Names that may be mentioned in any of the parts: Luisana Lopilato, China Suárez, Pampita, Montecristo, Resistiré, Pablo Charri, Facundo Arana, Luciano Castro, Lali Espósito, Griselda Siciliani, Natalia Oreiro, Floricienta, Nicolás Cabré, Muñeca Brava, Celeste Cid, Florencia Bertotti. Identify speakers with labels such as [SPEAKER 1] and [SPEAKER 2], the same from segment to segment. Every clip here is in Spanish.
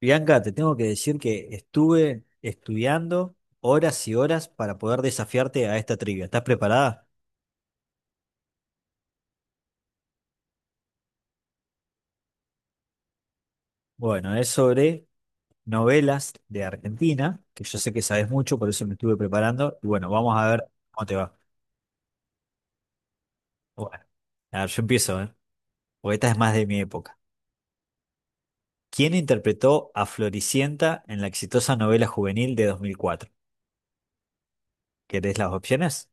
[SPEAKER 1] Bianca, te tengo que decir que estuve estudiando horas y horas para poder desafiarte a esta trivia. ¿Estás preparada? Bueno, es sobre novelas de Argentina, que yo sé que sabes mucho, por eso me estuve preparando. Y bueno, vamos a ver cómo te va. Bueno, a ver, yo empiezo, ¿eh? Porque esta es más de mi época. ¿Quién interpretó a Floricienta en la exitosa novela juvenil de 2004? ¿Querés las opciones?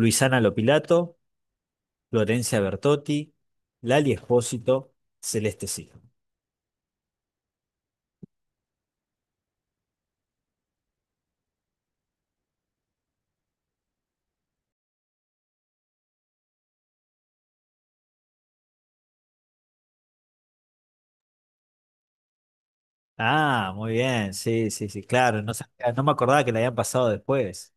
[SPEAKER 1] Luisana Lopilato, Florencia Bertotti, Lali Espósito, Celeste Cid. Ah, muy bien, sí, sí, sí, claro, no me acordaba que la habían pasado después.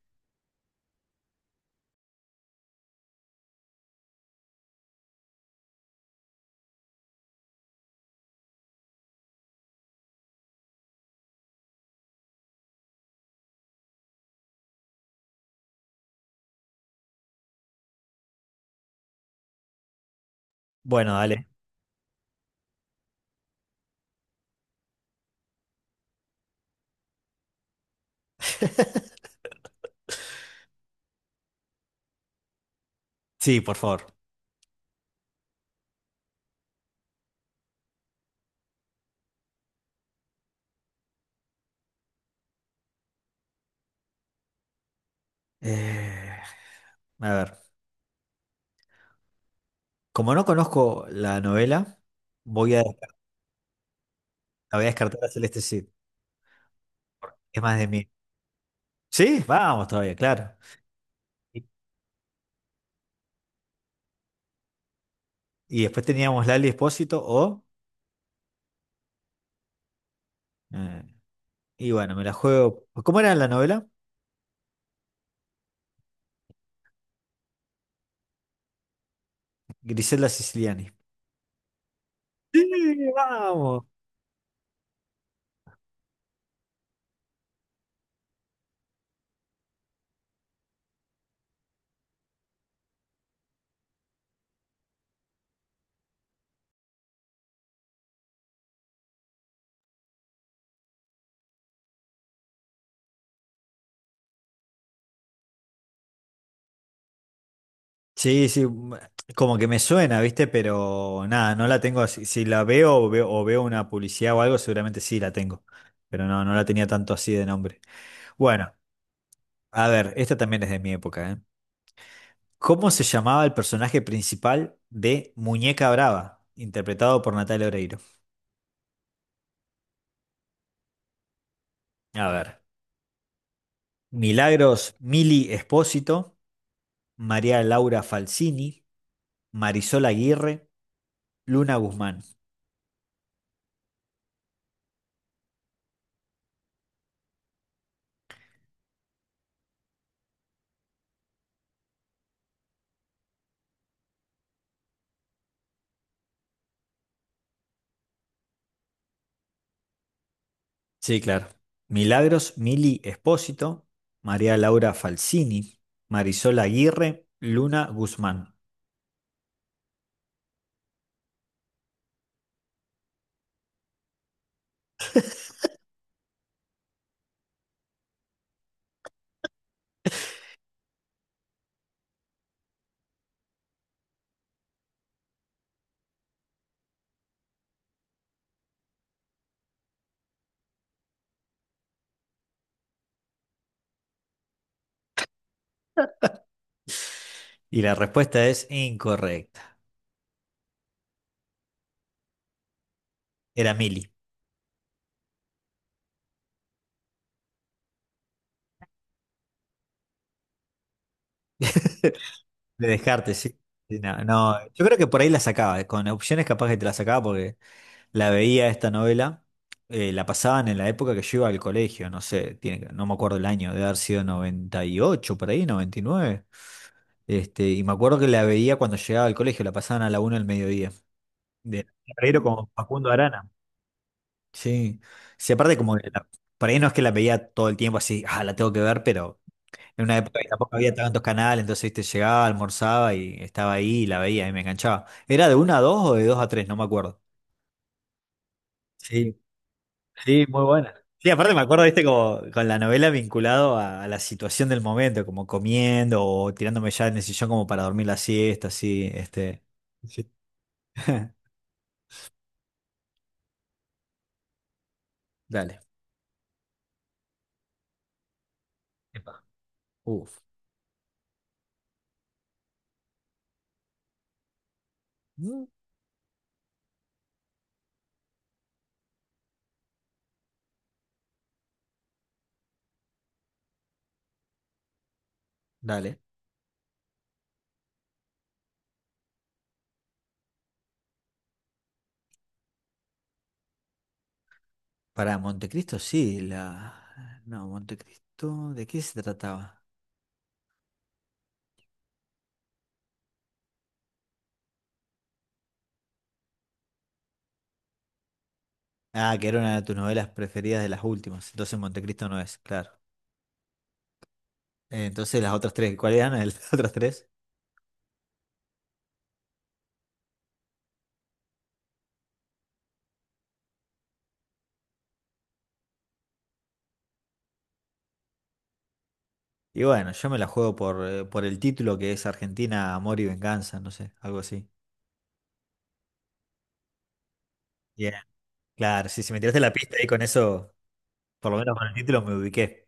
[SPEAKER 1] Bueno, dale. Sí, por favor. Eh, a ver, como no conozco la novela, voy a, descar- la voy a descartar a Celeste Cid, es más de mí. Sí, vamos todavía, claro. Y, y después teníamos Lali Espósito o... eh, y bueno, me la juego... ¿Cómo era la novela? Griselda Siciliani. Sí, vamos. Sí, sí, como que me suena, ¿viste? Pero nada, no la tengo así. Si la veo o veo, o veo una publicidad o algo, seguramente sí la tengo. Pero no, no la tenía tanto así de nombre. Bueno, a ver, esta también es de mi época, ¿eh? ¿Cómo se llamaba el personaje principal de Muñeca Brava, interpretado por Natalia Oreiro? A ver, Milagros Mili Espósito, María Laura Falsini, Marisol Aguirre, Luna Guzmán. Sí, claro. Milagros Mili Espósito, María Laura Falsini, Marisol Aguirre, Luna Guzmán. Y la respuesta es incorrecta. Era Mili. De descarte, sí. Sí, no, no, yo creo que por ahí la sacaba, con opciones capaz que te la sacaba porque la veía esta novela, la pasaban en la época que yo iba al colegio, no sé, no me acuerdo el año, debe haber sido 98, por ahí, 99. Y me acuerdo que la veía cuando llegaba al colegio, la pasaban a la una del mediodía. De Guerrero con Facundo Arana. Sí. Sí, aparte como que la- por ahí no es que la veía todo el tiempo así, ah, la tengo que ver, pero en una época que tampoco había tantos canales, entonces viste, llegaba, almorzaba y estaba ahí y la veía y me enganchaba. ¿Era de 1 a 2 o de 2 a 3? No me acuerdo. Sí, sí, muy buena. Sí, aparte me acuerdo, viste, como con la novela vinculado a la situación del momento, como comiendo o tirándome ya en el sillón como para dormir la siesta, así. Sí. Dale. Epa. Uf. Mm, dale. Para Montecristo, sí, la... No, Montecristo, ¿de qué se trataba? Ah, que era una de tus novelas preferidas de las últimas, entonces Montecristo no es, claro. Entonces las otras tres, ¿cuáles eran las otras tres? Y bueno, yo me la juego por el título que es Argentina, Amor y Venganza, no sé, algo así. Bien, claro, sí, si me tiraste la pista ahí con eso, por lo menos con el título me ubiqué.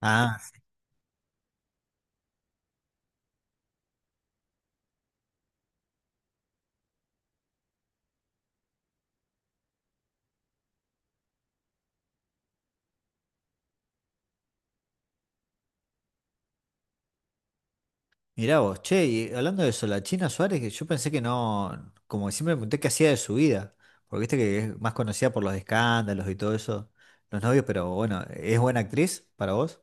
[SPEAKER 1] Ah, mirá vos, che, y hablando de eso, la China Suárez, que yo pensé que no, como que siempre me pregunté qué hacía de su vida, porque viste que es más conocida por los escándalos y todo eso, los novios, pero bueno, ¿es buena actriz para vos?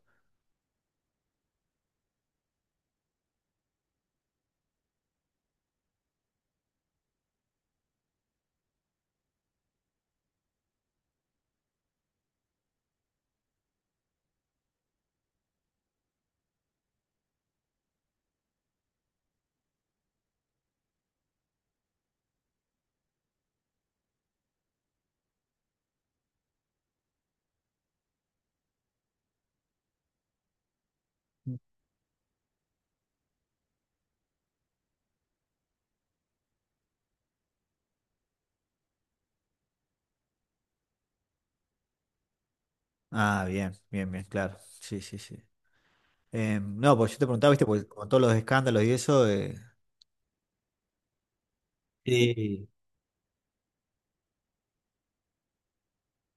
[SPEAKER 1] Ah, bien, bien, bien, claro, sí, sí, sí. No, pues yo te preguntaba, viste, porque con todos los escándalos y eso. Sí,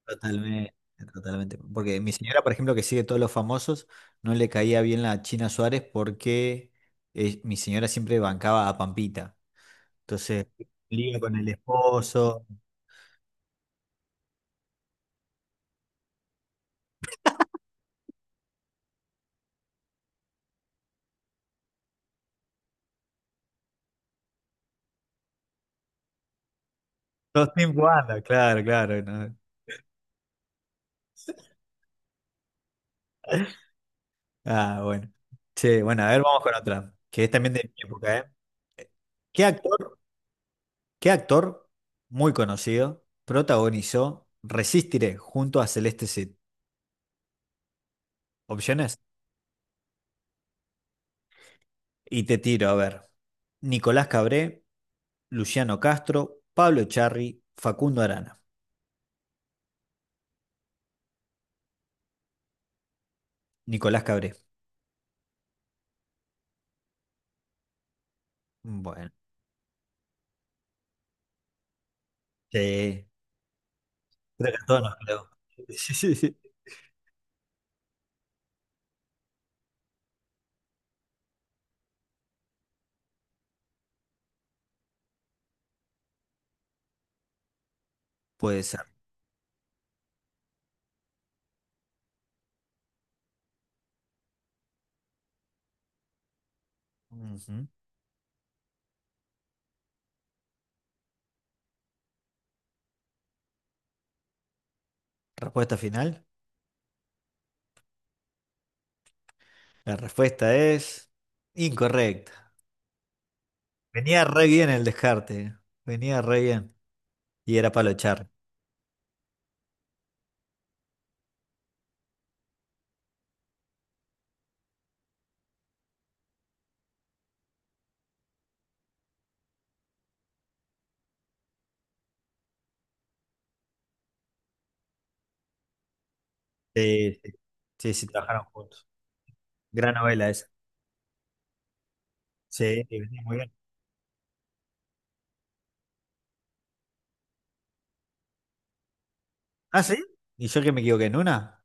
[SPEAKER 1] totalmente. Totalmente. Porque mi señora, por ejemplo, que sigue todos los famosos, no le caía bien la China Suárez porque mi señora siempre bancaba a Pampita. Entonces, lío con el esposo. Los Team Wanda, claro, claro. No. Ah, bueno. Che, bueno, a ver, vamos con otra, que es también de mi época, ¿eh? ¿Qué actor, qué actor muy conocido protagonizó Resistiré junto a Celeste Cid? Opciones. Y te tiro, a ver. Nicolás Cabré, Luciano Castro, Pablo Charri, Facundo Arana. Nicolás Cabré. Bueno, sí, creo que a todos nos creo. Sí, sí, sí. Puede ser. Ujú. Respuesta final. La respuesta es incorrecta. Venía re bien el descarte. Venía re bien. Y era Pablo Echar. Sí, sí. Sí, sí, trabajaron juntos. Gran novela esa. Sí, sí, venía muy bien. ¿Ah, sí? ¿Y yo que me equivoqué en una?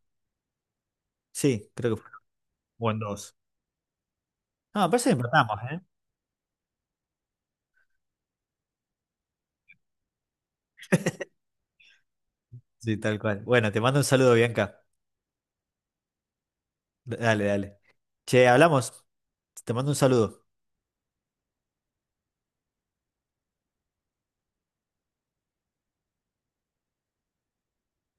[SPEAKER 1] Sí, creo que fue. O en dos. No, parece que empatamos, ¿eh? Sí, tal cual. Bueno, te mando un saludo, Bianca. Dale, dale. Che, hablamos. Te mando un saludo.